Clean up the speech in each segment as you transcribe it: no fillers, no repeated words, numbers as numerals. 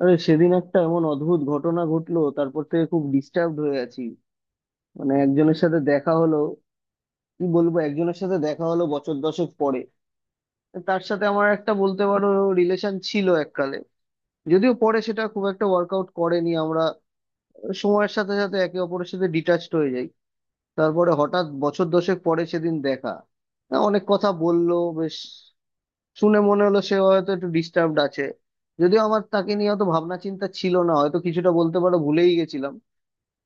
আরে, সেদিন একটা এমন অদ্ভুত ঘটনা ঘটলো, তারপর থেকে খুব ডিস্টার্বড হয়ে আছি। মানে একজনের সাথে দেখা হলো। কি বলবো, একজনের সাথে দেখা হলো বছর দশেক পরে। তার সাথে আমার একটা বলতে পারো রিলেশন ছিল এককালে। যদিও পরে সেটা খুব একটা ওয়ার্কআউট করেনি, আমরা সময়ের সাথে সাথে একে অপরের সাথে ডিটাচড হয়ে যাই। তারপরে হঠাৎ বছর দশেক পরে সেদিন দেখা। হ্যাঁ, অনেক কথা বললো। বেশ, শুনে মনে হলো সে হয়তো একটু ডিস্টার্বড আছে। যদিও আমার তাকে নিয়ে অত ভাবনা চিন্তা ছিল না, হয়তো কিছুটা বলতে পারো ভুলেই গেছিলাম।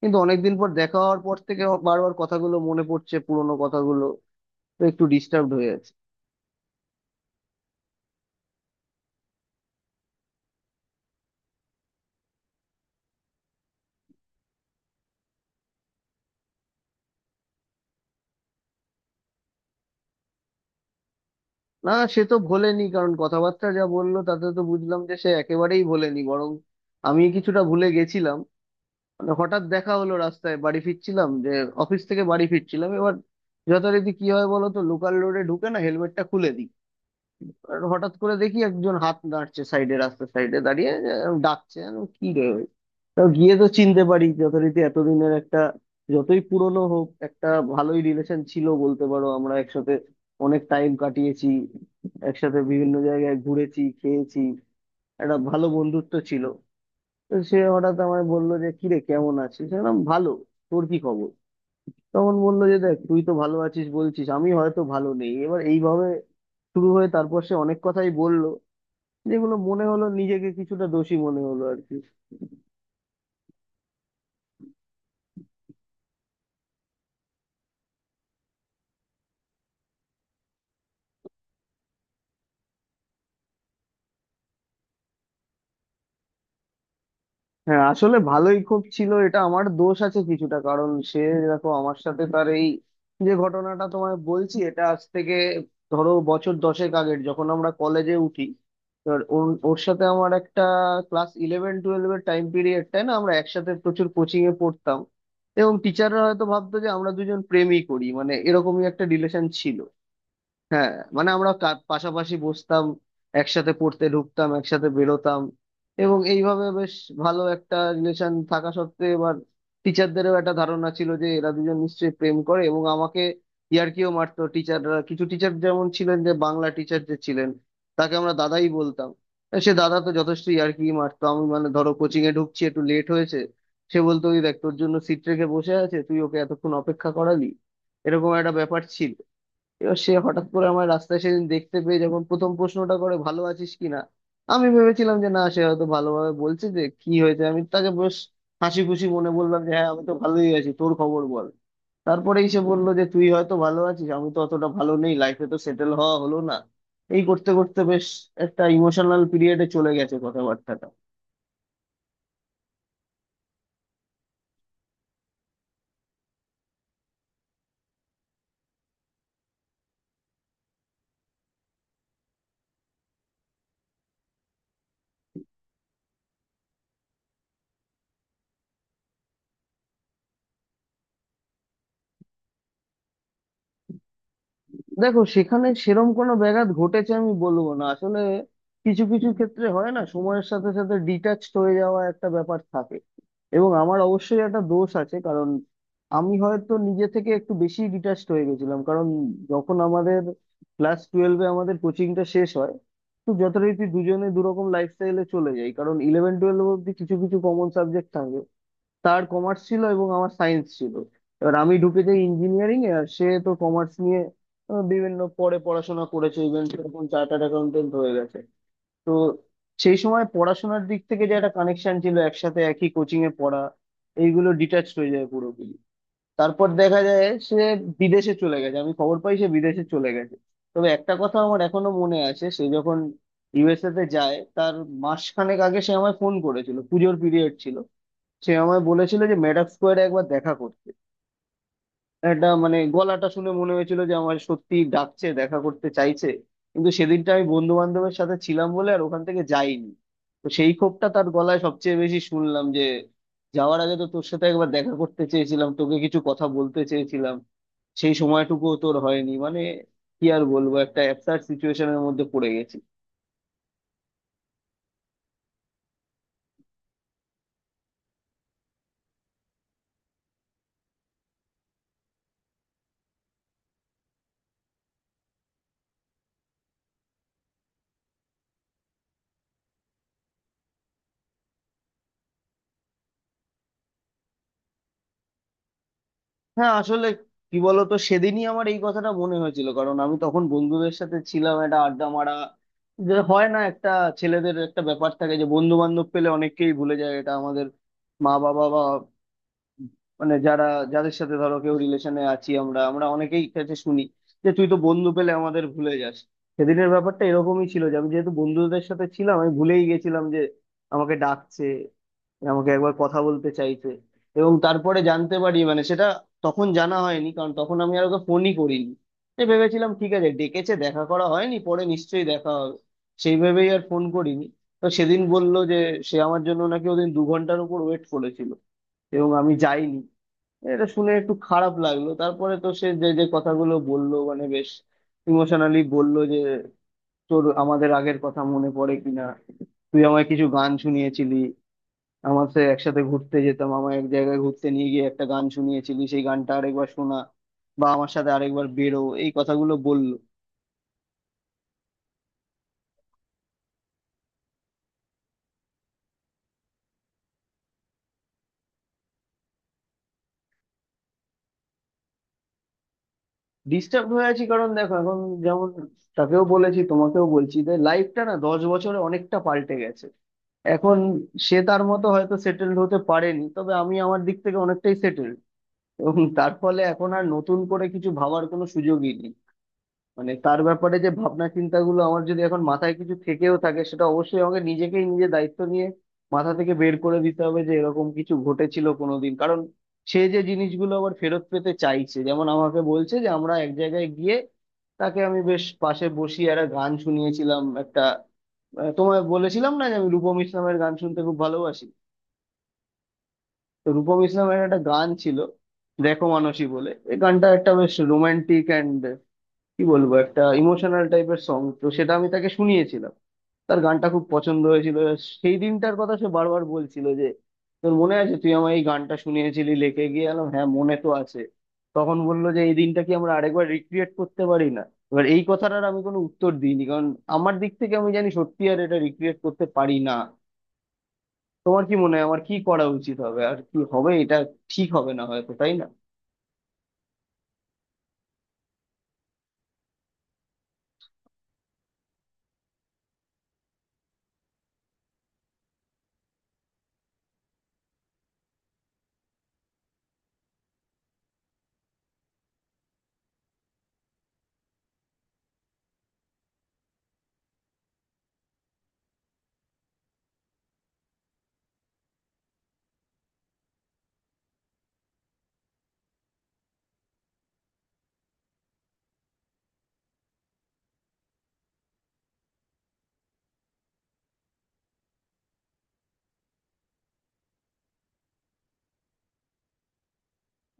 কিন্তু অনেকদিন পর দেখা হওয়ার পর থেকে আমার বারবার কথাগুলো মনে পড়ছে, পুরোনো কথাগুলো। তো একটু ডিস্টার্বড হয়ে আছে। না, সে তো ভোলেনি, কারণ কথাবার্তা যা বললো তাতে তো বুঝলাম যে সে একেবারেই ভোলেনি, বরং আমি কিছুটা ভুলে গেছিলাম। মানে হঠাৎ দেখা হলো রাস্তায়, বাড়ি ফিরছিলাম যে, অফিস থেকে বাড়ি ফিরছিলাম। এবার যথারীতি কি হয় বলো তো, লোকাল রোডে ঢুকে না হেলমেটটা খুলে দিই। আর হঠাৎ করে দেখি একজন হাত নাড়ছে, সাইডে, রাস্তার সাইডে দাঁড়িয়ে ডাকছে। আমি বললাম, কি রে ওই। তো গিয়ে তো চিনতে পারি যথারীতি, এতদিনের একটা, যতই পুরনো হোক, একটা ভালোই রিলেশন ছিল বলতে পারো। আমরা একসাথে অনেক টাইম কাটিয়েছি, একসাথে বিভিন্ন জায়গায় ঘুরেছি, খেয়েছি, একটা ভালো বন্ধুত্ব ছিল। তো সে হঠাৎ আমায় বললো যে, কিরে, কেমন আছিস? আমি বললাম, ভালো, তোর কি খবর? তখন বললো যে, দেখ, তুই তো ভালো আছিস বলছিস, আমি হয়তো ভালো নেই। এবার এইভাবে শুরু হয়ে তারপর সে অনেক কথাই বলল, যেগুলো মনে হলো, নিজেকে কিছুটা দোষী মনে হলো আর কি। হ্যাঁ, আসলে ভালোই খুব ছিল। এটা আমার দোষ আছে কিছুটা, কারণ সে, দেখো, আমার সাথে তার এই যে ঘটনাটা তোমায় বলছি, এটা আজ থেকে ধরো বছর দশেক আগের, যখন আমরা কলেজে উঠি। এবার ওর ওর সাথে আমার একটা ক্লাস ইলেভেন টুয়েলভ এর টাইম পিরিয়ডটায় না, আমরা একসাথে প্রচুর কোচিং এ পড়তাম। এবং টিচাররা হয়তো ভাবতো যে আমরা দুজন প্রেমই করি, মানে এরকমই একটা রিলেশন ছিল। হ্যাঁ, মানে আমরা পাশাপাশি বসতাম, একসাথে পড়তে ঢুকতাম, একসাথে বেরোতাম। এবং এইভাবে বেশ ভালো একটা রিলেশন থাকা সত্ত্বেও, এবার টিচারদেরও একটা ধারণা ছিল যে এরা দুজন নিশ্চয়ই প্রেম করে, এবং আমাকে ইয়ার্কিও মারতো টিচাররা। কিছু টিচার যেমন ছিলেন, যে বাংলা টিচার যে ছিলেন, তাকে আমরা দাদাই বলতাম। আর সে দাদা তো যথেষ্ট ইয়ার্কি মারতো। আমি মানে ধরো কোচিং এ ঢুকছি, একটু লেট হয়েছে, সে বলতো, ওই দেখ, তোর জন্য সিট রেখে বসে আছে, তুই ওকে এতক্ষণ অপেক্ষা করালি। এরকম একটা ব্যাপার ছিল। এবার সে হঠাৎ করে আমার রাস্তায় সেদিন দেখতে পেয়ে, যখন প্রথম প্রশ্নটা করে ভালো আছিস কিনা, আমি ভেবেছিলাম যে না, সে হয়তো ভালোভাবে বলছে। যে কি হয়েছে, আমি তাকে বেশ হাসি খুশি মনে বললাম যে, হ্যাঁ, আমি তো ভালোই আছি, তোর খবর বল। তারপরেই সে বললো যে, তুই হয়তো ভালো আছিস, আমি তো অতটা ভালো নেই, লাইফে তো সেটেল হওয়া হলো না। এই করতে করতে বেশ একটা ইমোশনাল পিরিয়ডে চলে গেছে কথাবার্তাটা। দেখো, সেখানে সেরম কোনো ব্যাঘাত ঘটেছে আমি বলবো না, আসলে কিছু কিছু ক্ষেত্রে হয় না, সময়ের সাথে সাথে ডিটাচড হয়ে যাওয়া একটা ব্যাপার থাকে। এবং আমার অবশ্যই একটা দোষ আছে, কারণ আমি হয়তো নিজে থেকে একটু বেশি ডিটাচড হয়ে গেছিলাম। কারণ যখন আমাদের ক্লাস টুয়েলভে আমাদের কোচিংটা শেষ হয়, তো যথারীতি দুজনে দুরকম লাইফস্টাইলে চলে যাই। কারণ ইলেভেন টুয়েলভ অব্দি কিছু কিছু কমন সাবজেক্ট থাকে। তার কমার্স ছিল এবং আমার সায়েন্স ছিল। এবার আমি ঢুকে যাই ইঞ্জিনিয়ারিং এ, আর সে তো কমার্স নিয়ে বিভিন্ন পরে পড়াশোনা করেছে, ইভেন সেরকম চার্টার্ড অ্যাকাউন্টেন্ট হয়ে গেছে। তো সেই সময় পড়াশোনার দিক থেকে যে একটা কানেকশন ছিল, একসাথে একই কোচিং এ পড়া, এইগুলো ডিটাচড হয়ে যায় পুরোপুরি। তারপর দেখা যায় সে বিদেশে চলে গেছে। আমি খবর পাই সে বিদেশে চলে গেছে। তবে একটা কথা আমার এখনো মনে আছে, সে যখন ইউএসএ তে যায়, তার মাসখানেক আগে সে আমায় ফোন করেছিল, পুজোর পিরিয়ড ছিল। সে আমায় বলেছিল যে মেডাক স্কোয়ারে একবার দেখা করতে। এটা মানে গলাটা শুনে মনে হয়েছিল যে আমার, সত্যি ডাকছে দেখা করতে চাইছে। কিন্তু সেদিনটা আমি বন্ধু বান্ধবের সাথে ছিলাম বলে আর ওখান থেকে যাইনি। তো সেই ক্ষোভটা তার গলায় সবচেয়ে বেশি শুনলাম, যে যাওয়ার আগে তো তোর সাথে একবার দেখা করতে চেয়েছিলাম, তোকে কিছু কথা বলতে চেয়েছিলাম, সেই সময়টুকুও তোর হয়নি। মানে কি আর বলবো, একটা অ্যাবসার্ড সিচুয়েশনের মধ্যে পড়ে গেছি। হ্যাঁ, আসলে কি বলতো, সেদিনই আমার এই কথাটা মনে হয়েছিল, কারণ আমি তখন বন্ধুদের সাথে ছিলাম, একটা আড্ডা মারা, যে হয় না একটা, ছেলেদের একটা ব্যাপার থাকে যে বন্ধু বান্ধব পেলে অনেককেই ভুলে যায়। এটা আমাদের মা বাবা বা, মানে যারা, যাদের সাথে ধরো কেউ রিলেশনে আছি, আমরা আমরা অনেকেই কাছে শুনি যে, তুই তো বন্ধু পেলে আমাদের ভুলে যাস। সেদিনের ব্যাপারটা এরকমই ছিল যে, আমি যেহেতু বন্ধুদের সাথে ছিলাম, আমি ভুলেই গেছিলাম যে আমাকে ডাকছে, আমাকে একবার কথা বলতে চাইছে। এবং তারপরে জানতে পারি, মানে সেটা তখন জানা হয়নি, কারণ তখন আমি আর ওকে ফোনই করিনি। এই ভেবেছিলাম ঠিক আছে, ডেকেছে, দেখা করা হয়নি, পরে নিশ্চয়ই দেখা হবে, সেই ভেবেই আর ফোন করিনি। তো সেদিন বলল যে সে আমার জন্য নাকি ওদিন 2 ঘন্টার উপর ওয়েট করেছিল এবং আমি যাইনি। এটা শুনে একটু খারাপ লাগলো। তারপরে তো সে যে যে কথাগুলো বললো, মানে বেশ ইমোশনালি বললো যে তোর আমাদের আগের কথা মনে পড়ে কিনা, তুই আমায় কিছু গান শুনিয়েছিলি, আমার সে একসাথে ঘুরতে যেতাম, আমার এক জায়গায় ঘুরতে নিয়ে গিয়ে একটা গান শুনিয়েছিলি, সেই গানটা আরেকবার শোনা, বা আমার সাথে আরেকবার বেরো, এই কথাগুলো বললো। ডিস্টার্ব হয়ে আছি কারণ দেখো এখন, যেমন তাকেও বলেছি, তোমাকেও বলছি, যে লাইফটা না 10 বছরে অনেকটা পাল্টে গেছে। এখন সে তার মতো হয়তো সেটেলড হতে পারেনি, তবে আমি আমার দিক থেকে অনেকটাই সেটেলড, এবং তার ফলে এখন আর নতুন করে কিছু ভাবার কোনো সুযোগই নেই। মানে তার ব্যাপারে যে ভাবনা চিন্তাগুলো আমার, যদি এখন মাথায় কিছু থেকেও থাকে, সেটা অবশ্যই আমাকে নিজেকেই নিজে দায়িত্ব নিয়ে মাথা থেকে বের করে দিতে হবে, যে এরকম কিছু ঘটেছিল কোনোদিন। কারণ সে যে জিনিসগুলো আবার ফেরত পেতে চাইছে, যেমন আমাকে বলছে যে আমরা এক জায়গায় গিয়ে, তাকে আমি বেশ পাশে বসিয়ে একটা গান শুনিয়েছিলাম একটা, তোমায় বলেছিলাম না যে আমি রূপম ইসলামের গান শুনতে খুব ভালোবাসি। তো রূপম ইসলামের একটা গান ছিল, দেখো, মানসী বলে, এই গানটা একটা বেশ রোমান্টিক, কি বলবো, একটা ইমোশনাল টাইপের সং। তো সেটা আমি তাকে শুনিয়েছিলাম, তার গানটা খুব পছন্দ হয়েছিল। সেই দিনটার কথা সে বারবার বলছিল যে, তোর মনে আছে তুই আমার এই গানটা শুনিয়েছিলি লেকে গিয়ে এলাম? হ্যাঁ, মনে তো আছে। তখন বললো যে এই দিনটা কি আমরা আরেকবার রিক্রিয়েট করতে পারি না? এবার এই কথাটার আমি কোনো উত্তর দিইনি, কারণ আমার দিক থেকে আমি জানি সত্যি আর এটা রিক্রিয়েট করতে পারি না। তোমার কি মনে হয় আমার কি করা উচিত হবে, আর কি হবে এটা ঠিক হবে না হয়তো, তাই না?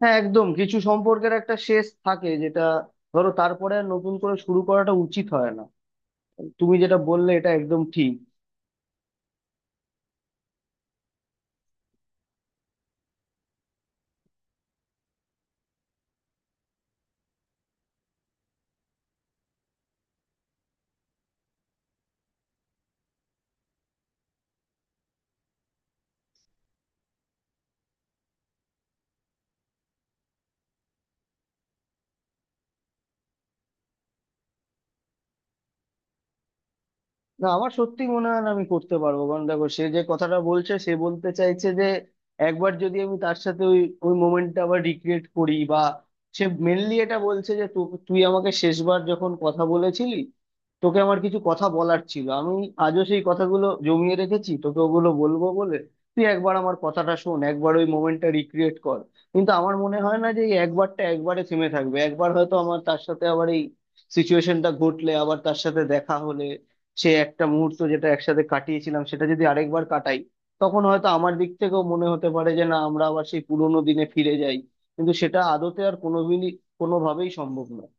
হ্যাঁ একদম, কিছু সম্পর্কের একটা শেষ থাকে, যেটা ধরো তারপরে আর নতুন করে শুরু করাটা উচিত হয় না। তুমি যেটা বললে এটা একদম ঠিক। না, আমার সত্যি মনে হয় না আমি করতে পারবো। কারণ দেখো, সে যে কথাটা বলছে, সে বলতে চাইছে যে, একবার যদি আমি তার সাথে ওই ওই মোমেন্টটা আবার রিক্রিয়েট করি, বা সে মেনলি এটা বলছে যে, তুই আমাকে শেষবার যখন কথা বলেছিলি, তোকে আমার কিছু কথা বলার ছিল, আমি আজও সেই কথাগুলো জমিয়ে রেখেছি, তোকে ওগুলো বলবো বলে। তুই একবার আমার কথাটা শোন, একবার ওই মোমেন্টটা রিক্রিয়েট কর। কিন্তু আমার মনে হয় না যে এই একবারটা একবারে থেমে থাকবে। একবার হয়তো আমার তার সাথে আবার এই সিচুয়েশনটা ঘটলে, আবার তার সাথে দেখা হলে, সে একটা মুহূর্ত যেটা একসাথে কাটিয়েছিলাম, সেটা যদি আরেকবার কাটাই, তখন হয়তো আমার দিক থেকেও মনে হতে পারে যে না, আমরা আবার সেই পুরোনো দিনে ফিরে যাই। কিন্তু সেটা আদতে আর কোনোদিনই, কোনোভাবেই সম্ভব নয়।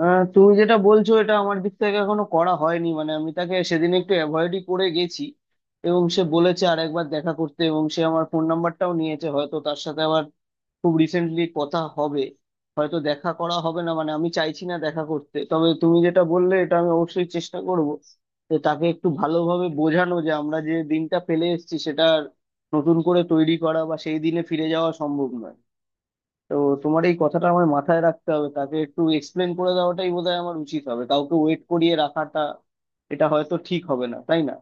তুমি যেটা বলছো, এটা আমার দিক থেকে এখনো করা হয়নি। মানে আমি তাকে সেদিন একটু অ্যাভয়েডই করে গেছি, এবং সে বলেছে আরেকবার দেখা করতে, এবং সে আমার ফোন নাম্বারটাও নিয়েছে, হয়তো তার সাথে আবার খুব রিসেন্টলি কথা হবে। হয়তো দেখা করা হবে না, মানে আমি চাইছি না দেখা করতে। তবে তুমি যেটা বললে এটা আমি অবশ্যই চেষ্টা করব, যে তাকে একটু ভালোভাবে বোঝানো যে আমরা যে দিনটা ফেলে এসেছি, সেটা আর নতুন করে তৈরি করা, বা সেই দিনে ফিরে যাওয়া সম্ভব নয়। তো তোমার এই কথাটা আমার মাথায় রাখতে হবে। তাকে একটু এক্সপ্লেন করে দেওয়াটাই বোধহয় আমার উচিত হবে। কাউকে ওয়েট করিয়ে রাখাটা, এটা হয়তো ঠিক হবে না, তাই না?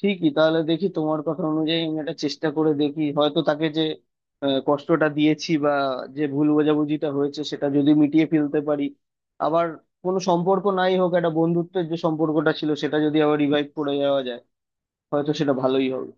ঠিকই, তাহলে দেখি তোমার কথা অনুযায়ী আমি এটা চেষ্টা করে দেখি, হয়তো তাকে যে কষ্টটা দিয়েছি, বা যে ভুল বোঝাবুঝিটা হয়েছে, সেটা যদি মিটিয়ে ফেলতে পারি। আবার কোনো সম্পর্ক নাই হোক, একটা বন্ধুত্বের যে সম্পর্কটা ছিল, সেটা যদি আবার রিভাইভ করে যাওয়া যায়, হয়তো সেটা ভালোই হবে।